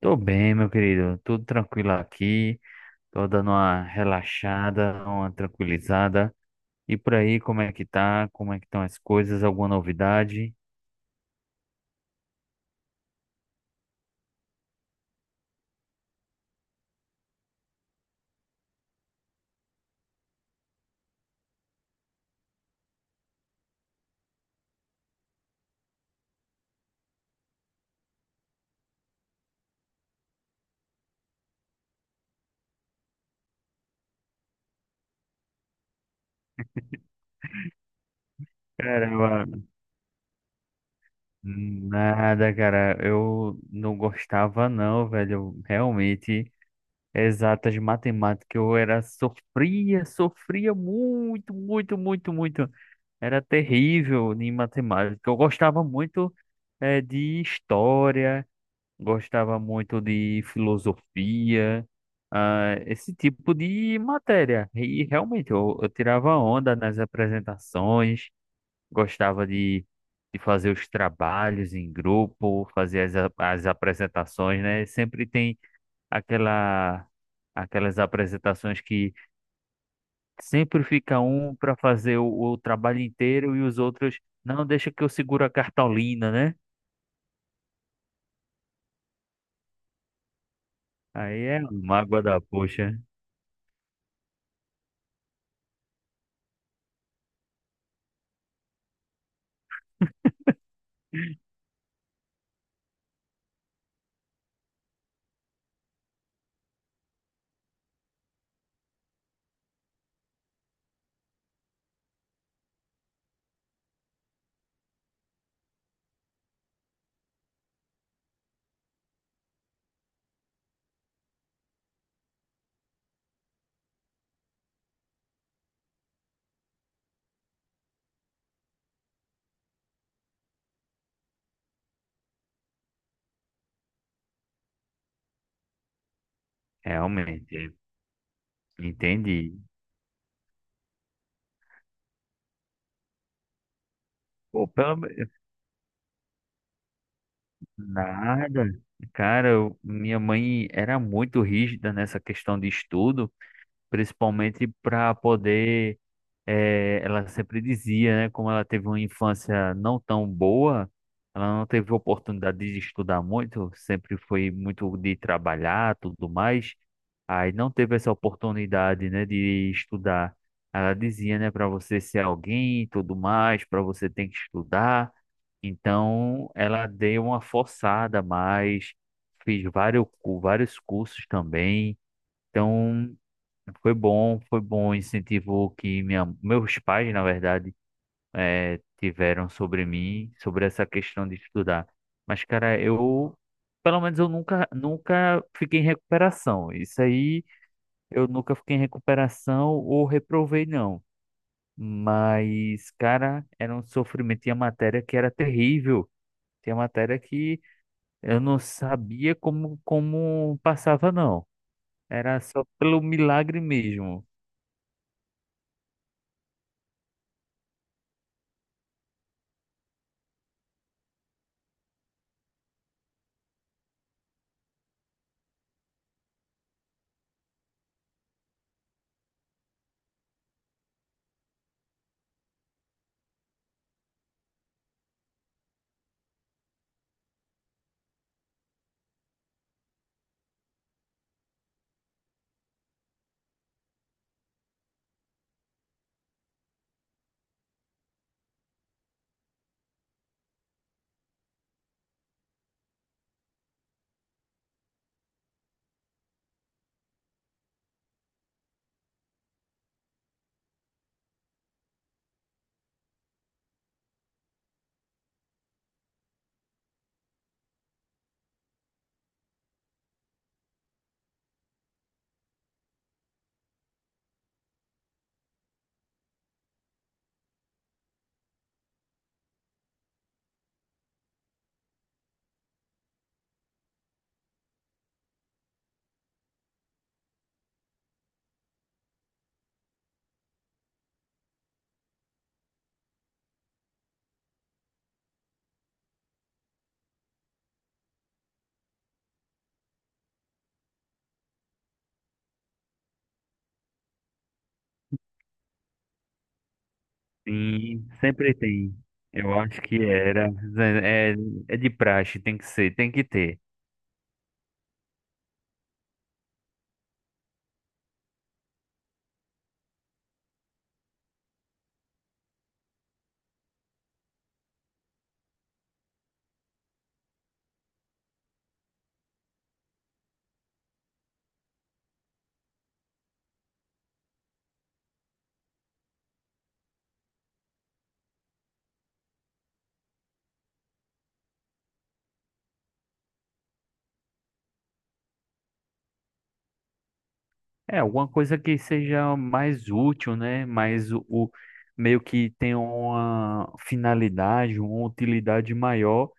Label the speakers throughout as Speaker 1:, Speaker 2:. Speaker 1: Tô bem, meu querido. Tudo tranquilo aqui. Tô dando uma relaxada, uma tranquilizada. E por aí, como é que tá? Como é que estão as coisas? Alguma novidade? Caramba, nada, cara. Eu não gostava, não, velho. Realmente, exatas matemática, sofria, sofria muito, muito, muito, muito. Era terrível em matemática. Eu gostava muito, de história. Gostava muito de filosofia, ah, esse tipo de matéria. E realmente eu tirava onda nas apresentações, gostava de fazer os trabalhos em grupo, fazer as apresentações, né? Sempre tem aquela, aquelas apresentações que sempre fica um para fazer o trabalho inteiro e os outros, não, deixa que eu seguro a cartolina, né? Aí é uma mágoa da poxa, realmente. Entendi. Pô, pelo me- Nada. Cara, minha mãe era muito rígida nessa questão de estudo, principalmente para poder. Eh, ela sempre dizia, né? Como ela teve uma infância não tão boa, ela não teve oportunidade de estudar muito, sempre foi muito de trabalhar, tudo mais. Aí não teve essa oportunidade, né, de estudar. Ela dizia, né, para você ser alguém, e tudo mais, para você tem que estudar. Então, ela deu uma forçada, a mais fiz vários cursos também. Então, foi bom o incentivo que meus pais, na verdade, tiveram sobre mim, sobre essa questão de estudar. Mas, cara, eu, pelo menos eu nunca, nunca fiquei em recuperação. Isso aí, eu nunca fiquei em recuperação ou reprovei, não. Mas, cara, era um sofrimento. Tinha matéria que era terrível. Tinha matéria que eu não sabia como passava, não. Era só pelo milagre mesmo. Sim, sempre tem. Eu acho que era. É, é É de praxe, tem que ser, tem que ter. É, alguma coisa que seja mais útil, né? Mais meio que tenha uma finalidade, uma utilidade maior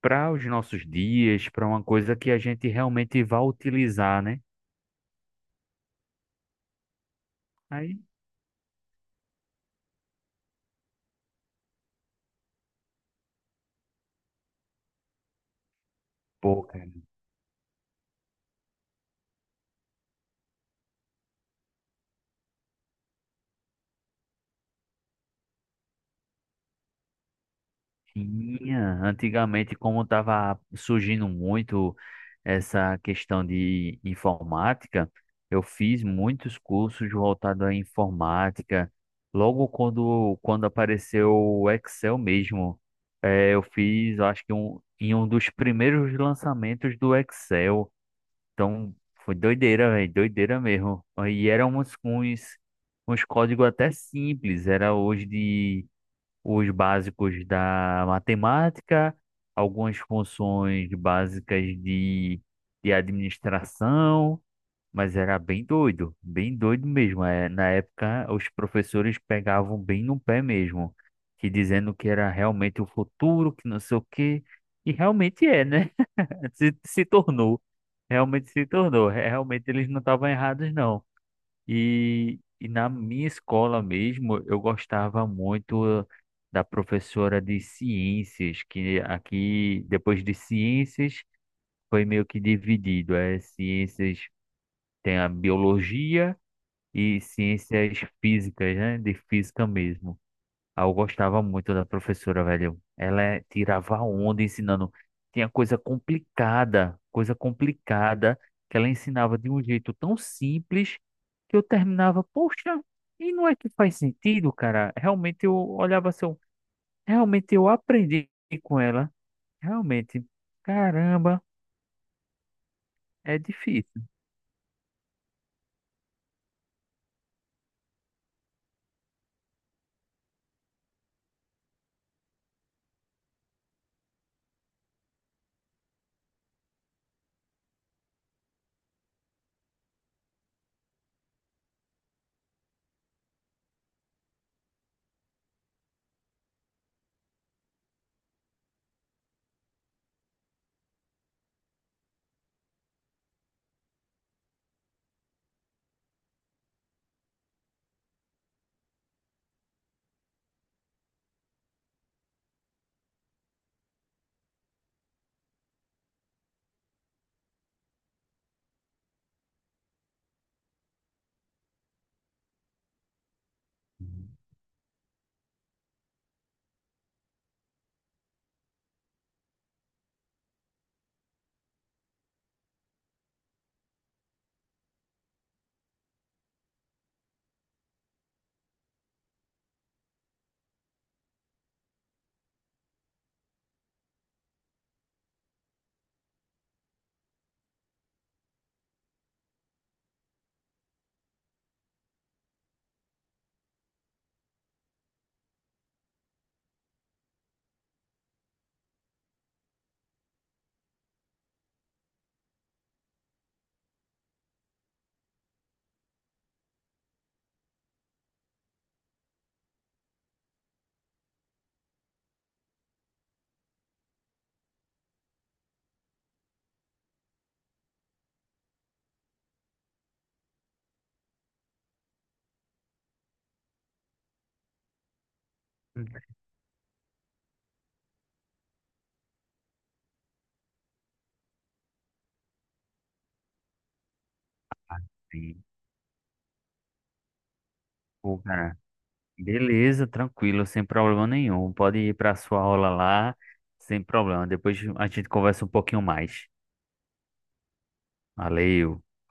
Speaker 1: para os nossos dias, para uma coisa que a gente realmente vá utilizar, né? Aí, pô, tinha, antigamente, como estava surgindo muito essa questão de informática, eu fiz muitos cursos voltados à informática. Logo quando apareceu o Excel mesmo, eu fiz, eu acho que um, em um dos primeiros lançamentos do Excel. Então, foi doideira, velho, doideira mesmo. E eram uns códigos até simples, era hoje de os básicos da matemática, algumas funções básicas de administração, mas era bem doido mesmo. É, na época, os professores pegavam bem no pé mesmo, que dizendo que era realmente o futuro, que não sei o quê, e realmente é, né? Se tornou, realmente se tornou. Realmente eles não estavam errados, não. E na minha escola mesmo, eu gostava muito da professora de ciências, que aqui, depois de ciências, foi meio que dividido. É, ciências tem a biologia e ciências físicas, né? De física mesmo. Ah, eu gostava muito da professora, velho. Tirava onda ensinando. Tinha coisa complicada que ela ensinava de um jeito tão simples que eu terminava, poxa, e não é que faz sentido, cara? Realmente eu olhava assim, realmente eu aprendi com ela. Realmente, caramba, é difícil. Uhum. Sim, pô, cara. Beleza, tranquilo, sem problema nenhum. Pode ir para sua aula lá, sem problema. Depois a gente conversa um pouquinho mais. Valeu.